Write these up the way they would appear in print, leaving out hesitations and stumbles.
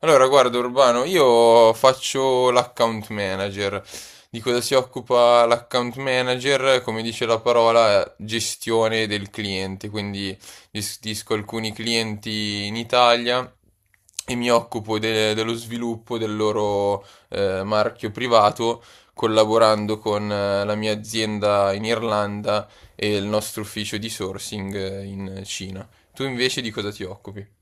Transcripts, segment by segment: Allora, guarda Urbano, io faccio l'account manager. Di cosa si occupa l'account manager? Come dice la parola, gestione del cliente. Quindi gestisco alcuni clienti in Italia e mi occupo dello sviluppo del loro marchio privato, collaborando con la mia azienda in Irlanda e il nostro ufficio di sourcing in Cina. Tu invece di cosa ti occupi?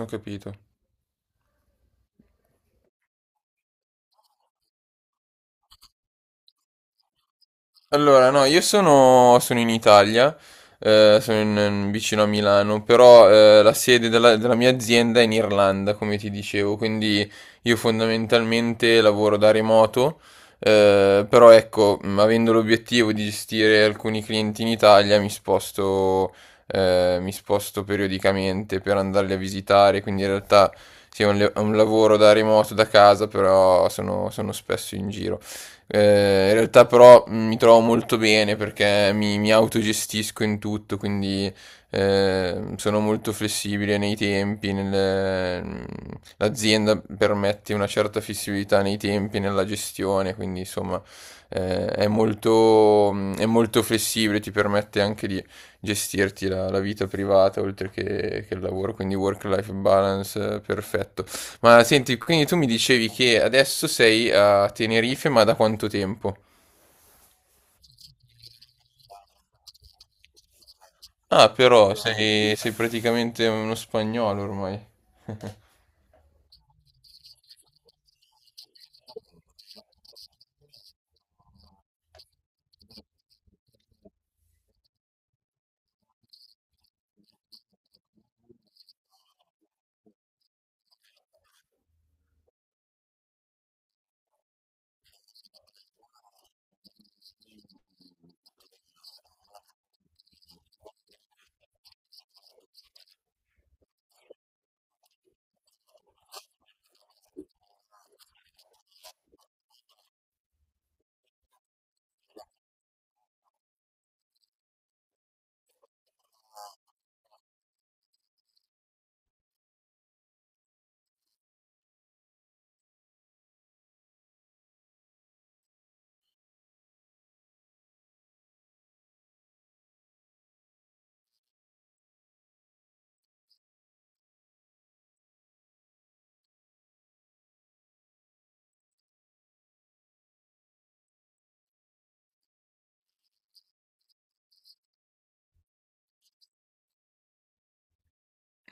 Ho capito. Allora, no, io sono in Italia, sono vicino a Milano, però la sede della mia azienda è in Irlanda, come ti dicevo, quindi io fondamentalmente lavoro da remoto, però ecco, avendo l'obiettivo di gestire alcuni clienti in Italia, mi sposto periodicamente per andarli a visitare, quindi in realtà sì, è un lavoro da remoto, da casa, però sono spesso in giro. In realtà però mi trovo molto bene perché mi autogestisco in tutto, quindi sono molto flessibile nei tempi, l'azienda permette una certa flessibilità nei tempi, nella gestione, quindi insomma è molto, è molto flessibile, ti permette anche di gestirti la vita privata oltre che il lavoro, quindi work-life balance perfetto. Ma senti, quindi tu mi dicevi che adesso sei a Tenerife, ma da quanto tempo? Ah, però sei praticamente uno spagnolo ormai.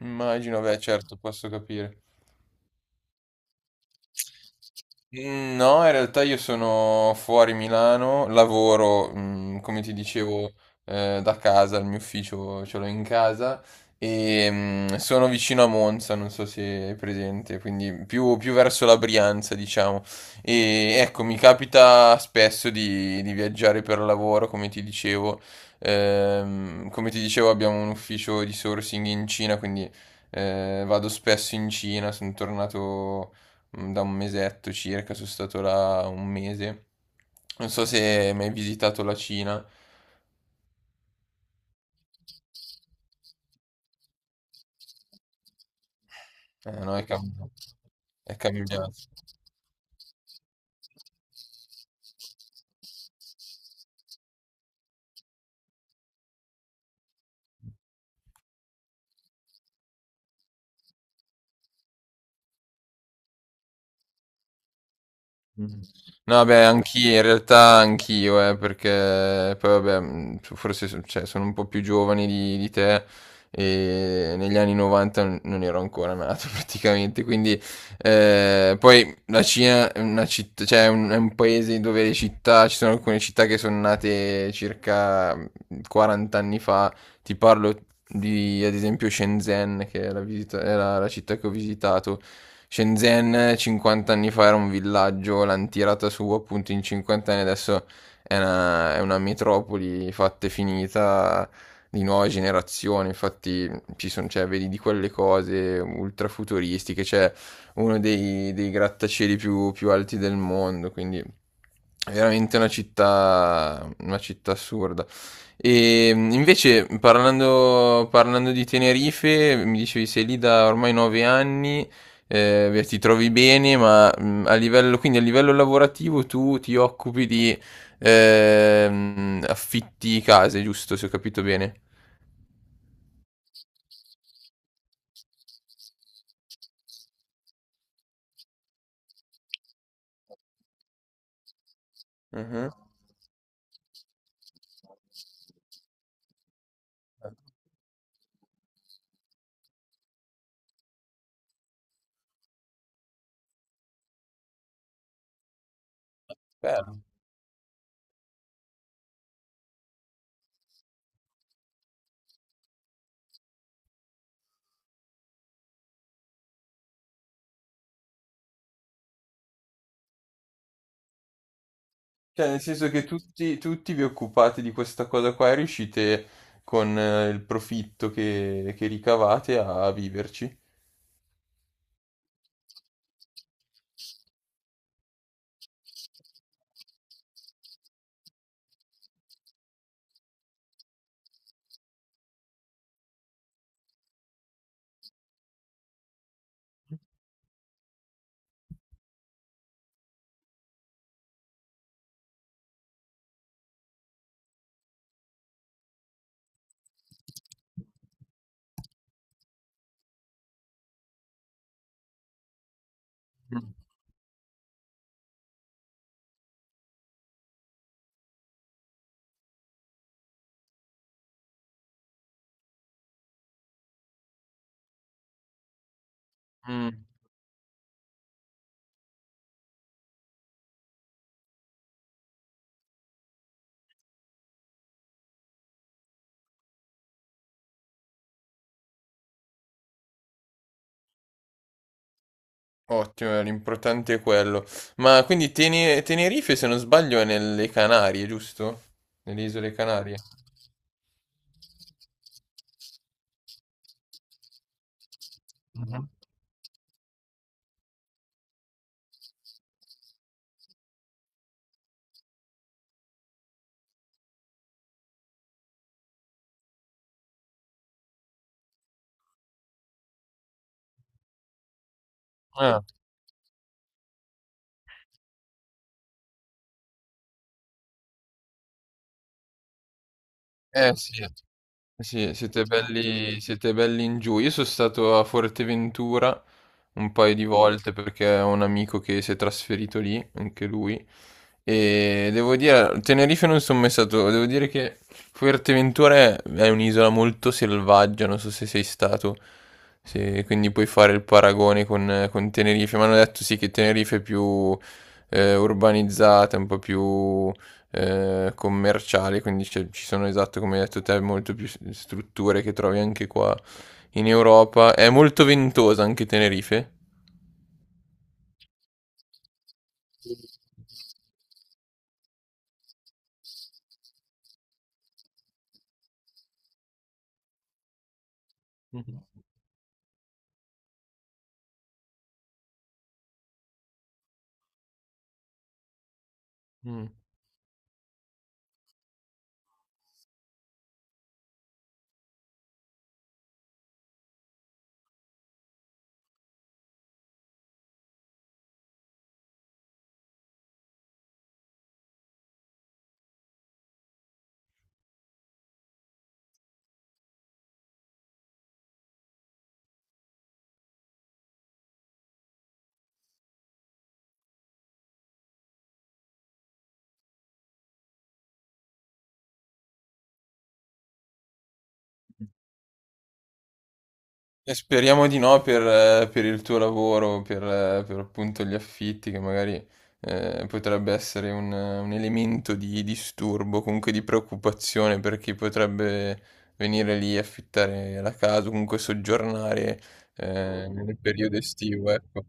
Immagino, beh, certo, posso capire. No, in realtà io sono fuori Milano, lavoro, come ti dicevo, da casa, il mio ufficio ce l'ho in casa e sono vicino a Monza, non so se è presente, quindi più, più verso la Brianza, diciamo. E ecco, mi capita spesso di viaggiare per lavoro, come ti dicevo. Come ti dicevo, abbiamo un ufficio di sourcing in Cina, quindi vado spesso in Cina, sono tornato da un mesetto circa, sono stato là un mese. Non so se hai mai visitato la Cina, no, è, cam- è cambiato. Mh. No vabbè anch'i in realtà anch'io perché poi vabbè, mhmm, forse s cioè sono un po' più giovane di te, e negli anni '90 n non ero ancora nato praticamente, quindi poi la Cina è una citt cioè è un paese dove le città ci sono alcune città che son nate circa, 40 anni fa ti parlo di, ad esempio, Shenzhen, che è la città che ho visitato. Shenzhen 50 anni fa era un villaggio, l'hanno tirata su appunto in 50 anni, adesso è una metropoli fatta e finita di nuova generazione, infatti ci sono, cioè, vedi di quelle cose ultra futuristiche, c'è uno dei grattacieli più alti del mondo, quindi è veramente una città assurda. E invece parlando di Tenerife, mi dicevi sei lì da ormai nove anni, beh, ti trovi bene, ma a livello, quindi a livello lavorativo tu ti occupi di affitti case, giusto, se ho capito bene? Mhm. Bello. Cioè, nel senso che tutti vi occupate di questa cosa qua e riuscite con il profitto che ricavate a viverci. Mm. Ottimo, l'importante è quello. Ma quindi Tenerife, se non sbaglio, è nelle Canarie, giusto? Nelle isole Canarie. Mhm. Ah, eh sì, eh sì, siete belli in giù. Io sono stato a Forteventura un paio di volte perché ho un amico che si è trasferito lì, anche lui. E devo dire, Tenerife non sono mai stato, devo dire che Fuerteventura è un'isola molto selvaggia, non so se sei stato, quindi puoi fare il paragone con Tenerife, mi hanno detto sì che Tenerife è più urbanizzata, un po' più commerciale, quindi ci sono esatto come hai detto te, molto più strutture che trovi anche qua in Europa. È molto ventosa anche Tenerife. Mhm. Mm. E speriamo di no per, per il tuo lavoro, per appunto gli affitti, che magari potrebbe essere un elemento di disturbo, comunque di preoccupazione per chi potrebbe venire lì e affittare la casa, comunque soggiornare nel periodo estivo, ecco.